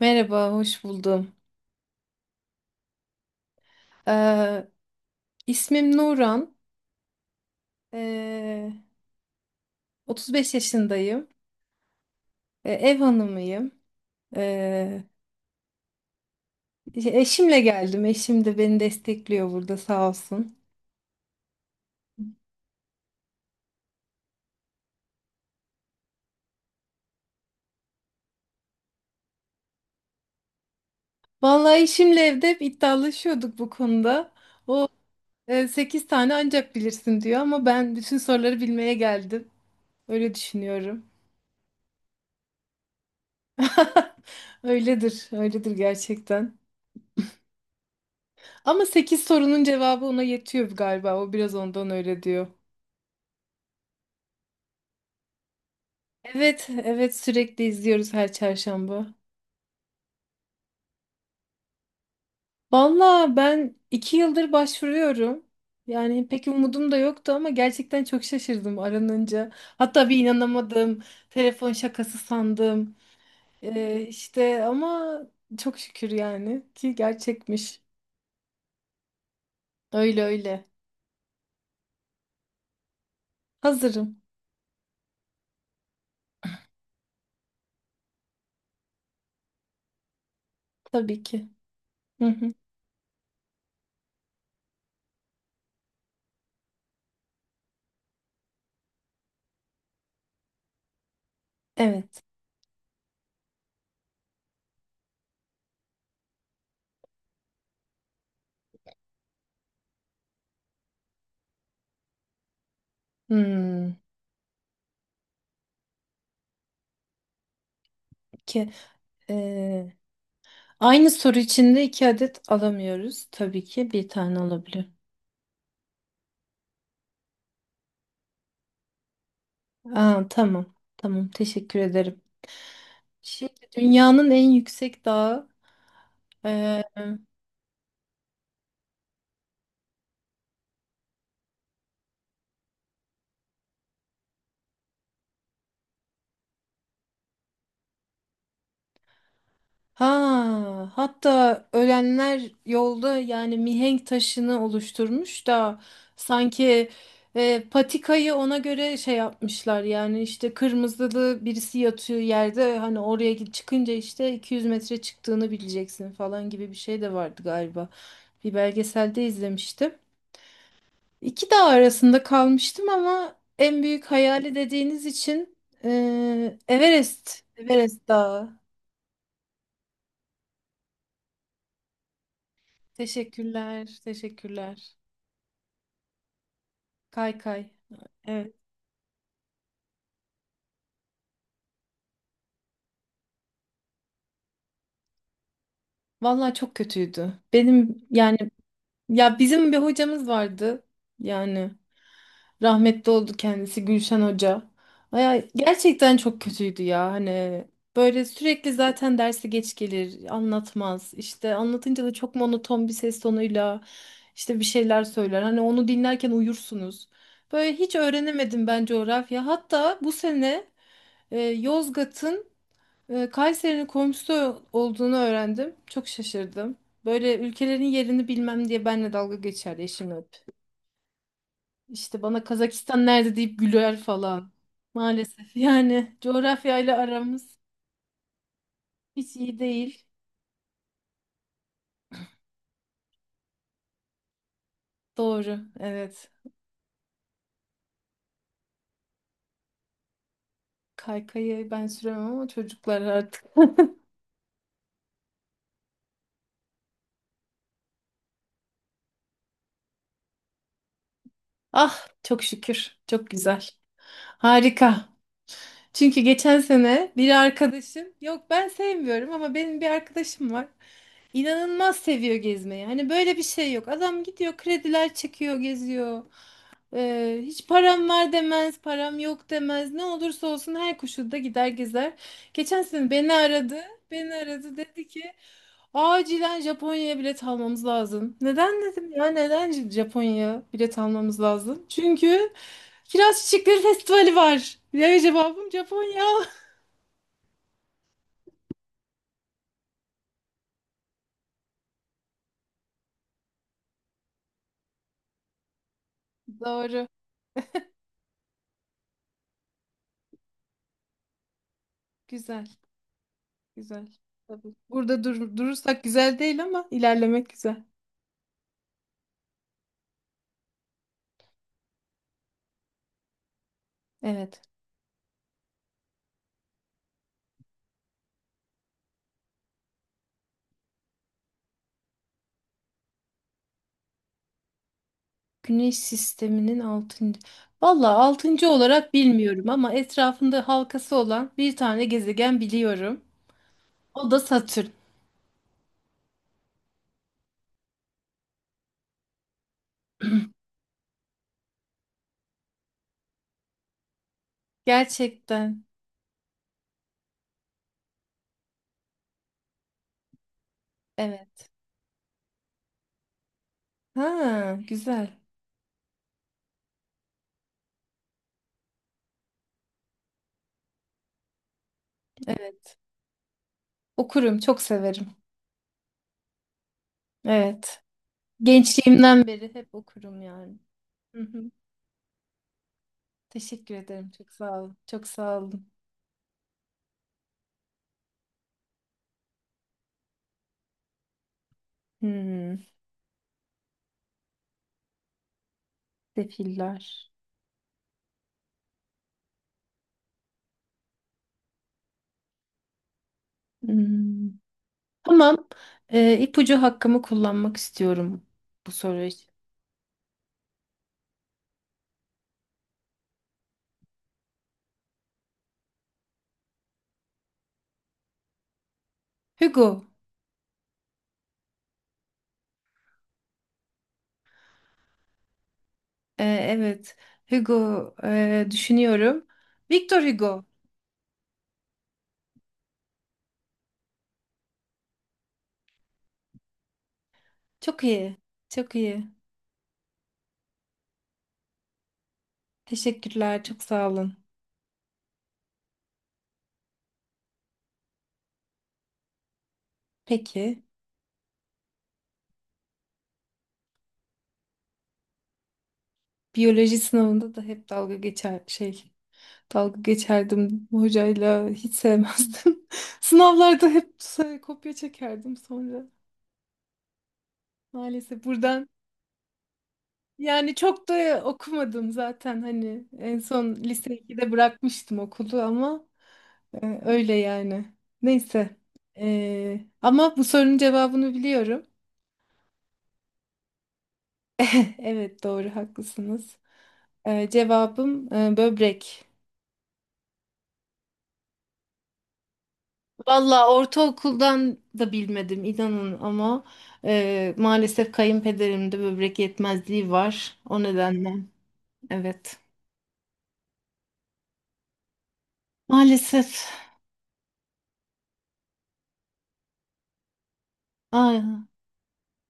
Merhaba, hoş buldum. Ee, ismim Nuran. Ee, 35 yaşındayım. Ev hanımıyım. Ee, eşimle geldim. Eşim de beni destekliyor burada, sağ olsun. Vallahi eşimle evde hep iddialaşıyorduk bu konuda. O 8 tane ancak bilirsin diyor ama ben bütün soruları bilmeye geldim. Öyle düşünüyorum. Öyledir, öyledir gerçekten. Ama 8 sorunun cevabı ona yetiyor galiba. O biraz ondan öyle diyor. Evet, evet, sürekli izliyoruz her çarşamba. Valla ben 2 yıldır başvuruyorum. Yani pek umudum da yoktu ama gerçekten çok şaşırdım aranınca. Hatta bir inanamadım. Telefon şakası sandım. İşte ama çok şükür yani ki gerçekmiş. Öyle öyle. Hazırım, tabii ki. Hı hı. Evet. Hmm. Ki, ee, aynı soru içinde iki adet alamıyoruz. Tabii ki bir tane olabilir. Aa, tamam. Tamam. Teşekkür ederim. Şimdi dünyanın en yüksek dağı. e, ha, hatta ölenler yolda yani mihenk taşını oluşturmuş da sanki patikayı ona göre şey yapmışlar, yani işte kırmızılı birisi yatıyor yerde, hani oraya git, çıkınca işte 200 metre çıktığını bileceksin falan gibi bir şey de vardı galiba. Bir belgeselde izlemiştim. İki dağ arasında kalmıştım ama en büyük hayali dediğiniz için, Everest. Everest Dağı. Teşekkürler, teşekkürler. Kaykay. Evet. Vallahi çok kötüydü. Benim yani, ya bizim bir hocamız vardı. Yani rahmetli oldu kendisi, Gülşen Hoca. Aya, gerçekten çok kötüydü ya, hani böyle sürekli zaten dersi geç gelir, anlatmaz, işte anlatınca da çok monoton bir ses tonuyla işte bir şeyler söyler, hani onu dinlerken uyursunuz. Böyle hiç öğrenemedim ben coğrafya, hatta bu sene Yozgat'ın, Kayseri'nin komşusu olduğunu öğrendim, çok şaşırdım. Böyle ülkelerin yerini bilmem diye benle dalga geçerdi eşim hep. İşte bana Kazakistan nerede deyip güler falan. Maalesef yani coğrafyayla aramız hiç iyi değil. Doğru, evet. Kaykayı ben süremem ama çocuklar artık. Ah çok şükür, çok güzel. Harika. Çünkü geçen sene bir arkadaşım, yok ben sevmiyorum ama benim bir arkadaşım var. İnanılmaz seviyor gezmeyi. Hani böyle bir şey yok. Adam gidiyor, krediler çekiyor, geziyor. Hiç param var demez, param yok demez. Ne olursa olsun her koşulda gider gezer. Geçen sene beni aradı. Beni aradı, dedi ki acilen Japonya'ya bilet almamız lazım. Neden dedim, ya neden Japonya'ya bilet almamız lazım? Çünkü Kiraz Çiçekleri Festivali var. Ya, cevabım Japonya. Doğru. Güzel. Güzel. Tabii. Burada dur durursak güzel değil ama ilerlemek güzel. Evet. Güneş sisteminin altıncı. Valla altıncı olarak bilmiyorum ama etrafında halkası olan bir tane gezegen biliyorum. O da Satürn. Gerçekten. Evet. Ha, güzel. Evet. Okurum. Çok severim. Evet. Gençliğimden beri hep okurum yani. Hı hı. Teşekkür ederim. Çok sağ olun. Çok sağ olun. Hmm, sefiller. Hmm. Tamam. İpucu hakkımı kullanmak istiyorum bu soru için. Hugo. Ee, evet. Hugo düşünüyorum. Victor Hugo. Çok iyi. Çok iyi. Teşekkürler. Çok sağ olun. Peki. Biyoloji sınavında da hep dalga geçer şey. Dalga geçerdim hocayla. Hiç sevmezdim. Sınavlarda hep kopya çekerdim sonra. Maalesef buradan. Yani çok da okumadım zaten, hani en son lise ikide bırakmıştım okulu ama öyle yani. Neyse. Ama bu sorunun cevabını biliyorum. Evet, doğru, haklısınız. Cevabım böbrek. Valla ortaokuldan da bilmedim inanın ama maalesef kayınpederimde böbrek yetmezliği var. O nedenle evet. Maalesef. Ay,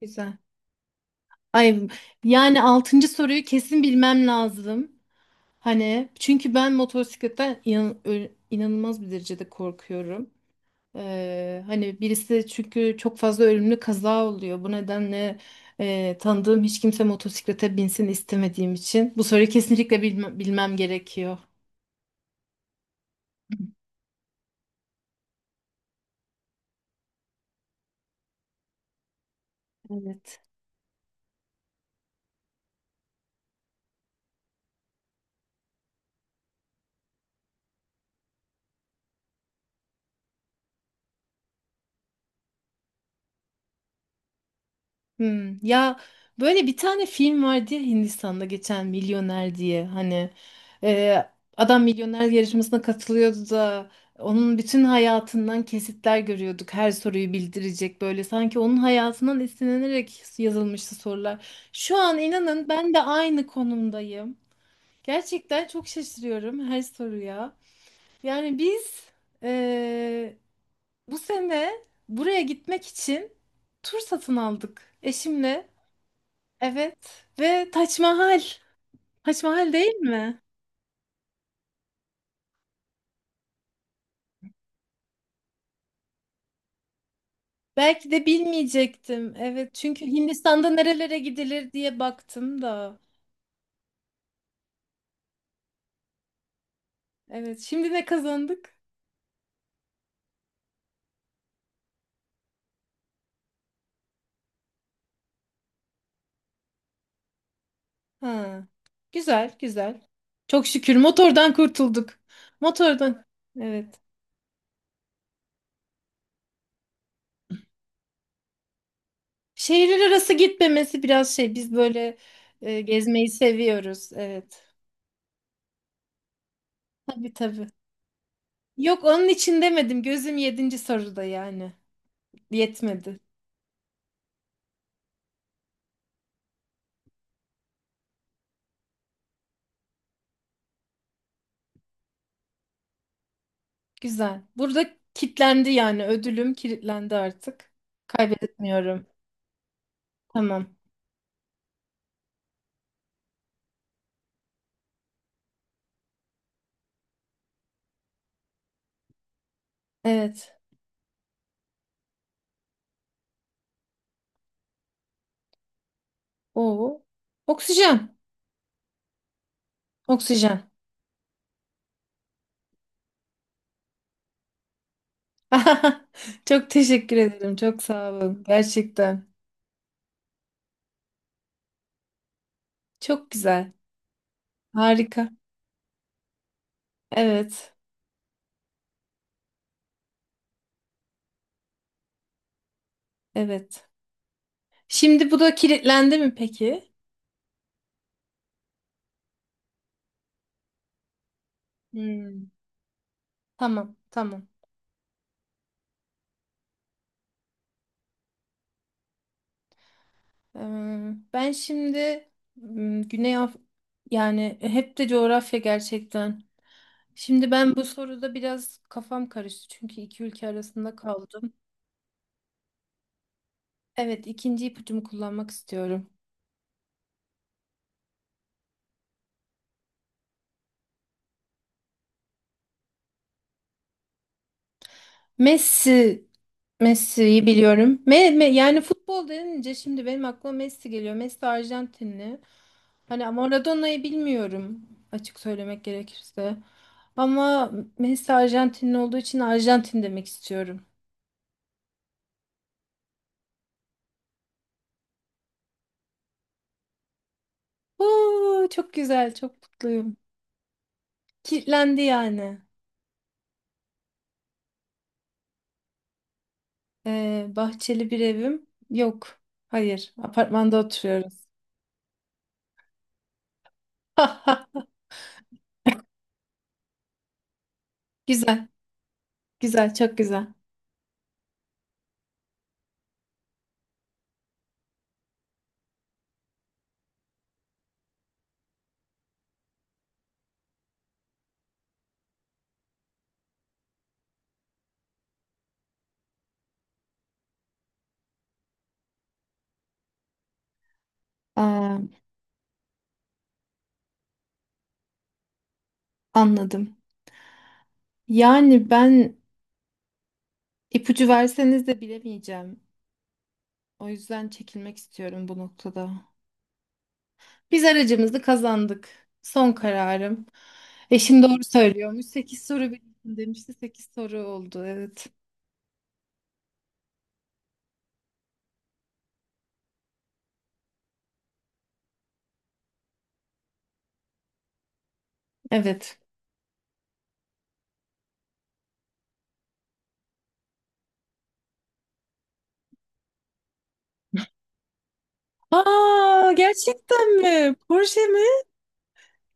güzel. Ay, yani altıncı soruyu kesin bilmem lazım. Hani çünkü ben motosikletten inanılmaz bir derecede korkuyorum. Hani birisi çünkü çok fazla ölümlü kaza oluyor. Bu nedenle tanıdığım hiç kimse motosiklete binsin istemediğim için. Bu soruyu kesinlikle bilmem gerekiyor. Evet. Ya böyle bir tane film vardı, ya Hindistan'da geçen Milyoner diye, hani e, adam milyoner yarışmasına katılıyordu da onun bütün hayatından kesitler görüyorduk, her soruyu bildirecek, böyle sanki onun hayatından esinlenerek yazılmıştı sorular. Şu an inanın ben de aynı konumdayım. Gerçekten çok şaşırıyorum her soruya. Yani biz e, bu sene buraya gitmek için tur satın aldık eşimle. Evet, ve Taç Mahal. Taç Mahal değil mi? Belki de bilmeyecektim. Evet, çünkü Hindistan'da nerelere gidilir diye baktım da. Evet, şimdi ne kazandık? Ha. Güzel, güzel. Çok şükür motordan kurtulduk. Motordan. Evet. Şehirler arası gitmemesi biraz şey, biz böyle gezmeyi seviyoruz. Evet. Tabii, tabii. Yok, onun için demedim. Gözüm yedinci soruda yani. Yetmedi. Güzel. Burada kilitlendi yani, ödülüm kilitlendi artık. Kaybetmiyorum. Tamam. Evet. O, oksijen. Oksijen. Çok teşekkür ederim. Çok sağ olun. Gerçekten. Çok güzel. Harika. Evet. Evet. Şimdi bu da kilitlendi mi peki? Hmm. Tamam. Tamam. Eee, Ben şimdi m, Güney Af yani hep de coğrafya, gerçekten. Şimdi ben bu soruda biraz kafam karıştı çünkü iki ülke arasında kaldım. Evet, ikinci ipucumu kullanmak istiyorum. Messi, Messi'yi biliyorum. Yani futbol denince şimdi benim aklıma Messi geliyor. Messi Arjantinli. Hani ama Maradona'yı bilmiyorum, açık söylemek gerekirse. Ama Messi Arjantinli olduğu için Arjantin demek istiyorum. Oo, çok güzel, çok mutluyum. Kilitlendi yani. Bahçeli bir evim yok. Hayır, apartmanda oturuyoruz. Güzel, güzel, çok güzel. Aa, anladım. Yani ben, ipucu verseniz de bilemeyeceğim. O yüzden çekilmek istiyorum bu noktada. Biz aracımızı kazandık. Son kararım. Eşim doğru söylüyormuş. 8 soru bildim, demişti. 8 soru oldu. Evet. Evet. Aa, gerçekten mi? Porsche.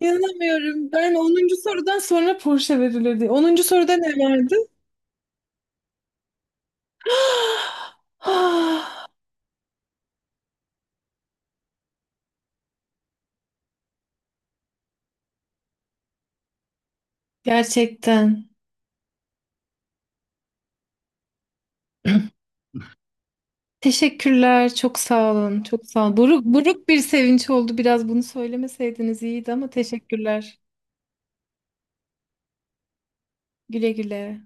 İnanamıyorum. Ben onuncu sorudan sonra Porsche verilirdi. Onuncu soruda ne vardı? Ah, gerçekten. Teşekkürler. Çok sağ olun. Çok sağ olun. Buruk, buruk bir sevinç oldu. Biraz bunu söylemeseydiniz iyiydi ama teşekkürler. Güle güle.